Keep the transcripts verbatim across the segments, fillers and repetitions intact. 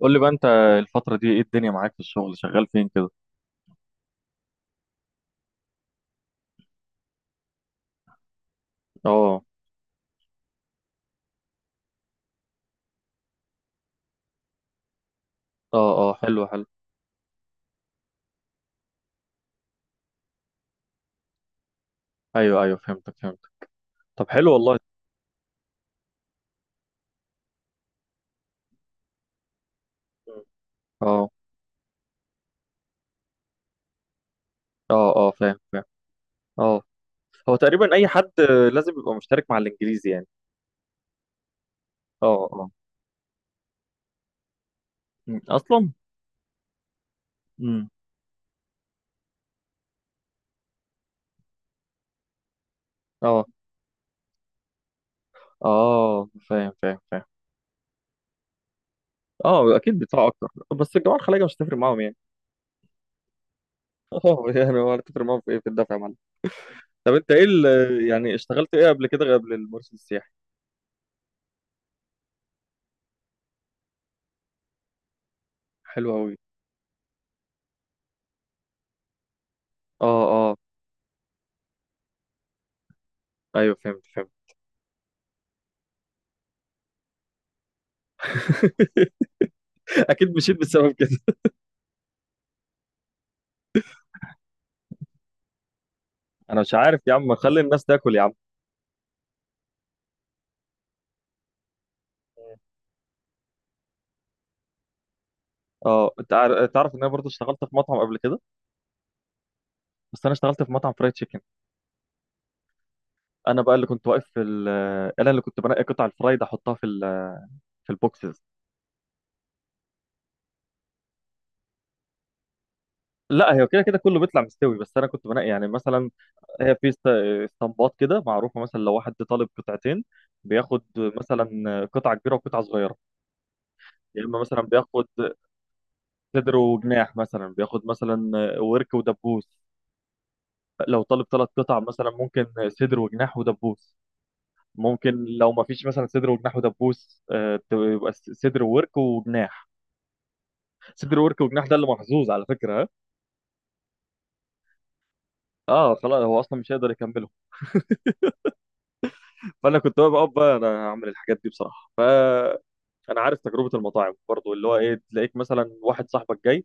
قول لي بقى انت، الفترة دي ايه الدنيا معاك في الشغل؟ شغال فين كده؟ اه اه اه حلو حلو. ايوه ايوه فهمتك فهمتك. طب حلو والله. اه اه اه فاهم فاهم. اه، هو تقريبا اي حد لازم يبقى مشترك مع الانجليزي يعني. اه اه مم. اصلا. امم. اه اه فاهم فاهم فاهم. اه اكيد بيدفعوا اكتر. بس الجماعة الخليجية مش هتفرق معاهم يعني. اه يعني هو هتفرق معاهم في ايه، في الدفع يا معلم؟ طب انت ايه ال- يعني اشتغلت ايه قبل كده، قبل المرشد السياحي؟ حلو قوي. اه اه ايوه فهمت فهمت. اكيد مشيت بسبب كده. انا مش عارف يا عم، خلي الناس تاكل يا عم. اه، تع- تعرف ان انا برضه اشتغلت في مطعم قبل كده. بس انا اشتغلت في مطعم فرايد تشيكن. انا بقى اللي كنت واقف في ال- انا اللي كنت بنقي قطع الفرايد احطها في ال- في البوكسز. لا، هي كده كده كله بيطلع مستوي، بس انا كنت بنقي يعني مثلا، هي في است- اسطمبات كده معروفه. مثلا لو واحد طالب قطعتين بياخد مثلا قطعه كبيره وقطعه صغيره. يا اما مثلا بياخد صدر وجناح، مثلا بياخد مثلا ورك ودبوس. لو طالب ثلاث قطع مثلا ممكن صدر وجناح ودبوس. ممكن لو ما فيش مثلا صدر وجناح ودبوس، آه، تبقى س- صدر وورك وجناح. صدر وورك وجناح ده اللي محظوظ على فكره، ها. اه خلاص، هو اصلا مش هيقدر يكمله. فانا كنت بقى بقى بقى انا هعمل الحاجات دي بصراحه. فانا عارف تجربه المطاعم برضو، اللي هو ايه، تلاقيك مثلا واحد صاحبك جاي،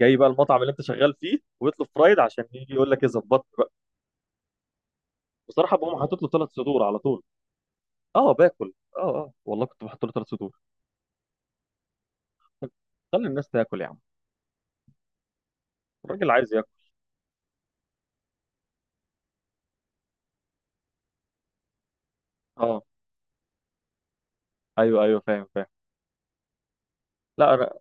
جاي بقى المطعم اللي انت شغال فيه ويطلب فرايد، عشان يجي يقول لك ايه، ظبطت بقى؟ بصراحه بقوم حاطط له ثلاث صدور على طول. اه باكل، اه اه والله كنت بحط له ثلاث صدور. خلي الناس تاكل يا عم، الراجل عايز. اه ايوه ايوه فاهم فاهم. لا أنا،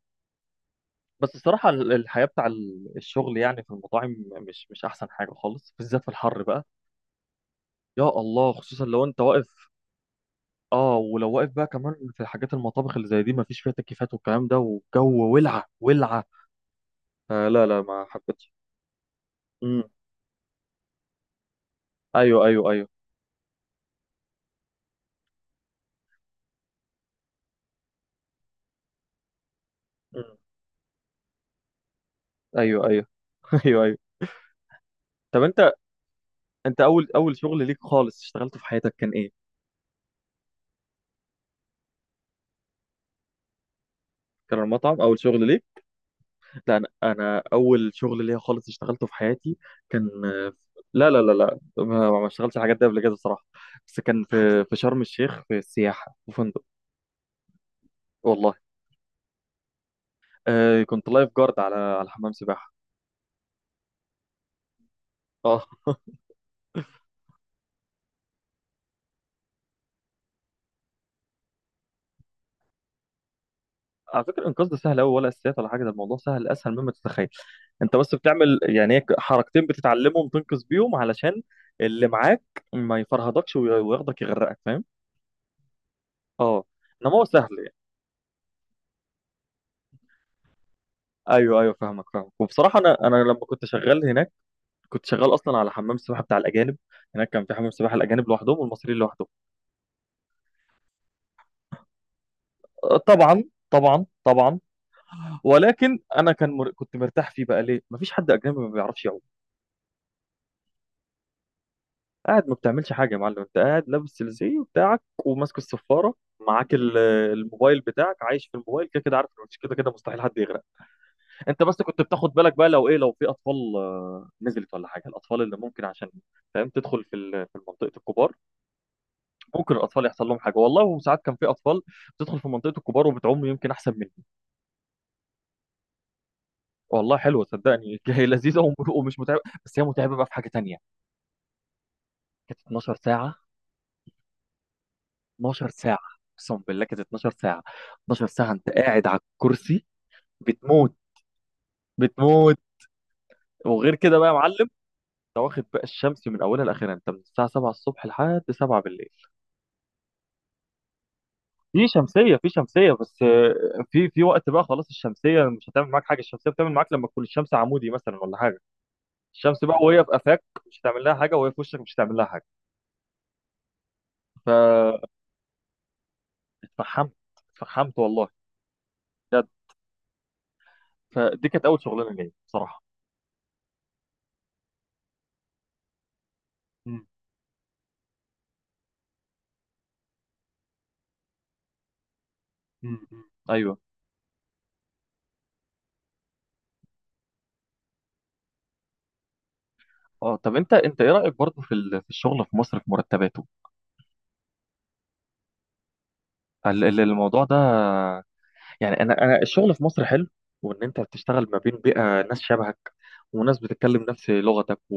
بس الصراحه ال- الحياه بتاع ال- الشغل يعني في المطاعم مش مش احسن حاجه خالص، بالذات في الحر بقى. يا الله، خصوصا لو انت واقف. اه، ولو واقف بقى كمان في حاجات المطابخ اللي زي دي، ما فيش فيها تكييفات والكلام ده، والجو ولعه ولعه. آه لا لا، ما حبيتش. امم. ايوه ايوه ايوه. امم. ايوه ايوه. ايوه ايوه. طب انت، انت اول اول شغل ليك خالص اشتغلته في حياتك كان ايه؟ كان المطعم اول شغل ليك. لا، انا انا اول شغل ليا خالص اشتغلته في حياتي كان لا لا لا لا، ما ما اشتغلتش الحاجات دي قبل كده صراحه. بس كان في في شرم الشيخ في السياحه في فندق. والله. آه كنت لايف جارد على على حمام سباحه. اه. على فكره الانقاذ ده سهل قوي، ولا اساسيات ولا حاجه، ده الموضوع سهل اسهل مما تتخيل. انت بس بتعمل يعني هيك حركتين بتتعلمهم تنقذ بيهم، علشان اللي معاك ما يفرهدكش وي- وياخدك يغرقك، فاهم؟ اه، انما هو سهل يعني. ايوه ايوه فاهمك فاهمك. وبصراحه انا انا لما كنت شغال هناك، كنت شغال اصلا على حمام السباحه بتاع الاجانب. هناك كان في حمام سباحه الاجانب لوحدهم والمصريين لوحدهم. آه، طبعا، طبعا طبعا. ولكن انا كان مر... كنت مرتاح فيه بقى، ليه؟ مفيش حد اجنبي ما بيعرفش يعوم. قاعد ما بتعملش حاجه يا معلم، انت قاعد لابس الزي بتاعك وماسك الصفاره، معاك ال- الموبايل بتاعك، عايش في الموبايل كده كده، عارف إنه مش كده كده مستحيل حد يغرق. انت بس كنت بتاخد بالك بقى، لو ايه، لو في اطفال، آه، نزلت ولا حاجه، الاطفال اللي ممكن عشان فاهم تدخل في ال- في منطقه الكبار. ممكن الاطفال يحصل لهم حاجه، والله وساعات كان في اطفال بتدخل في منطقه الكبار وبتعوم يمكن احسن مني. والله حلوه صدقني. هي لذيذه وم- ومش متعبه، بس هي متعبه بقى في حاجه تانية. كانت اتناشر ساعه. اثنا عشر ساعه. اقسم بالله كانت اتناشر ساعه. اتناشر ساعه انت قاعد على الكرسي بتموت بتموت. وغير كده بقى يا معلم، انت واخد بقى الشمس من اولها لاخرها، انت من الساعه سبعه الصبح لحد سبعه بالليل. في شمسيه، في شمسيه، بس آه، في في وقت بقى خلاص الشمسيه مش هتعمل معاك حاجه. الشمسيه بتعمل معاك لما تكون الشمس عمودي مثلا ولا حاجه. الشمس بقى وهي في قفاك مش هتعمل لها حاجه، وهي في وشك مش هتعمل لها حاجه. فاتفحمت. اتفحمت والله. بجد. فدي كانت اول شغلانه ليا بصراحه. مم. مم. مم. ايوه. اه، طب انت انت ايه رايك برضه في ال- في الشغل في مصر، في مرتباته؟ ال- ال- الموضوع ده يعني، انا انا الشغل في مصر حلو، وان انت بتشتغل ما بين بيئه ناس شبهك، وناس بتتكلم نفس لغتك و...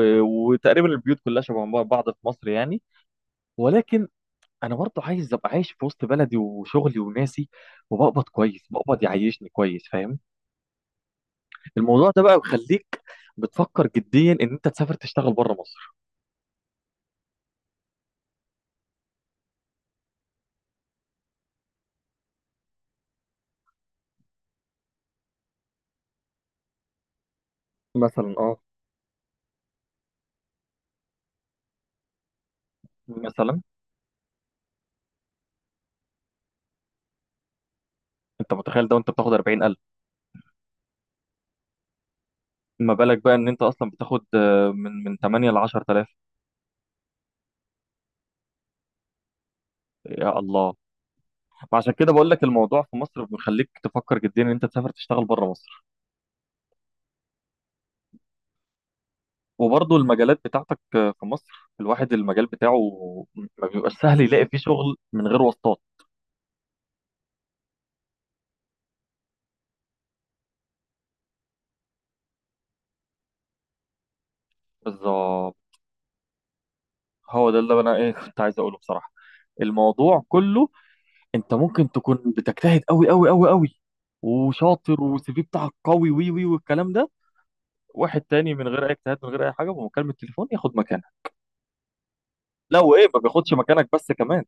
و... وتقريبا البيوت كلها شبه بعض في مصر يعني. ولكن انا برضه عايز ابقى عايش في وسط بلدي وشغلي وناسي، وبقبض كويس، بقبض يعيشني كويس، فاهم؟ الموضوع ده بقى بيخليك بتفكر جديا ان انت تسافر تشتغل بره مصر. مثلا، اه، مثلا انت متخيل ده وانت بتاخد اربعين الف؟ ما بالك بقى ان انت اصلا بتاخد، آه، من من تمانيه ل عشر تلاف؟ يا الله. فعشان كده بقول لك الموضوع في مصر بيخليك تفكر جديا ان انت تسافر تشتغل بره مصر. وبرضه المجالات بتاعتك آه، في مصر، الواحد المجال بتاعه ما بيبقاش سهل يلاقي فيه شغل من غير واسطات. بالظبط، هو ده اللي انا ايه كنت عايز اقوله بصراحه. الموضوع كله، انت ممكن تكون بتجتهد قوي قوي قوي قوي، وشاطر، والسي في بتاعك قوي وي وي والكلام ده، واحد تاني من غير اي اجتهاد، من غير اي حاجه، بمكالمه تليفون ياخد مكانك. لا وايه، ما بياخدش مكانك بس كمان.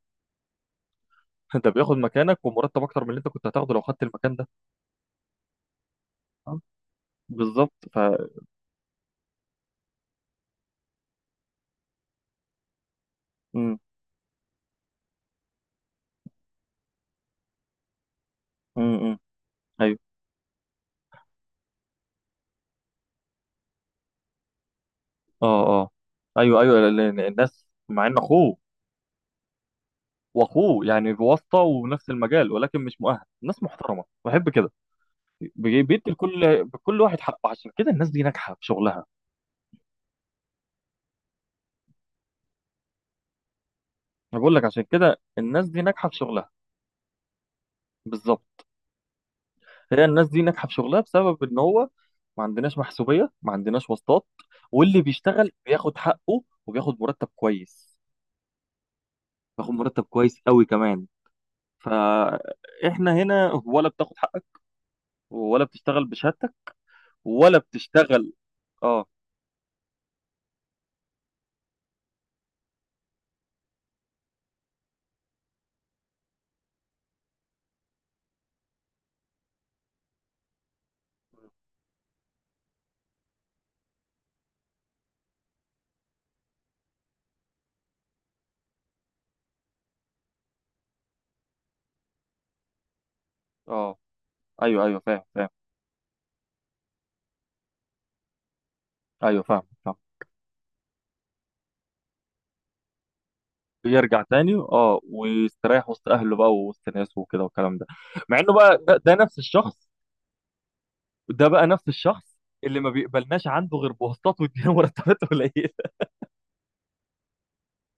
انت بياخد مكانك ومرتب اكتر من اللي انت كنت هتاخده لو خدت المكان ده. آه، بالظبط، ف. امم. امم. ايوه. اه اه ايوه ايوه، ال- ال- الناس، مع ان اخوه واخوه يعني بواسطه ونفس المجال ولكن مش مؤهل، ناس محترمه بحب كده، بي- بيدي لكل كل واحد حقه، عشان كده الناس دي ناجحه في شغلها. انا بقول لك، عشان كده الناس دي ناجحه في شغلها. بالظبط، هي الناس دي ناجحه في شغلها بسبب ان هو ما عندناش محسوبيه، ما عندناش واسطات، واللي بيشتغل بياخد حقه وبياخد مرتب كويس، بياخد مرتب كويس قوي كمان. فاحنا هنا ولا بتاخد حقك، ولا بتشتغل بشهادتك، ولا بتشتغل. اه اه ايوه ايوه فاهم فاهم. ايوه فاهم فاهم. ويرجع تاني اه ويستريح وسط اهله بقى ووسط ناسه وكده والكلام ده. مع انه بقى، ده, ده نفس الشخص. ده بقى نفس الشخص اللي ما بيقبلناش عنده غير بواسطات، وادينا مرتبات قليله.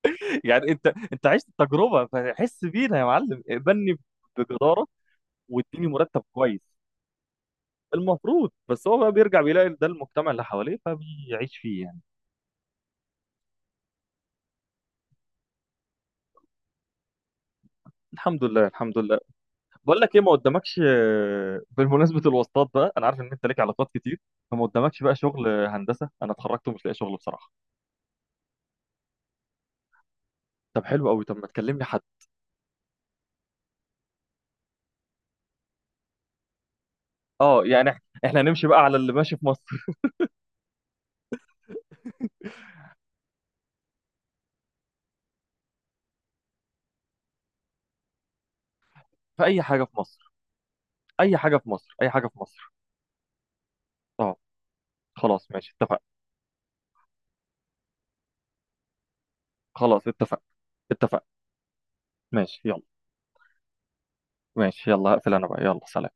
يعني انت، انت عشت التجربه، فحس بينا يا معلم، اقبلني بجداره، واديني مرتب كويس. المفروض، بس هو بقى بيرجع بيلاقي ده المجتمع اللي حواليه فبيعيش فيه يعني. الحمد لله الحمد لله. بقول لك ايه، ما قدامكش آه، بالمناسبه الواسطات بقى، انا عارف ان انت ليك علاقات كتير، فما قدامكش بقى شغل هندسه؟ انا اتخرجت ومش لاقي شغل بصراحه. طب حلو قوي، طب ما تكلمني حد. اه يعني إح- احنا هنمشي بقى على اللي ماشي في مصر. في اي حاجه في مصر، اي حاجه في مصر، اي حاجه في مصر. اه خلاص ماشي اتفقنا. خلاص اتفقنا. اتفقنا. ماشي يلا. ماشي يلا، هقفل انا بقى، يلا سلام.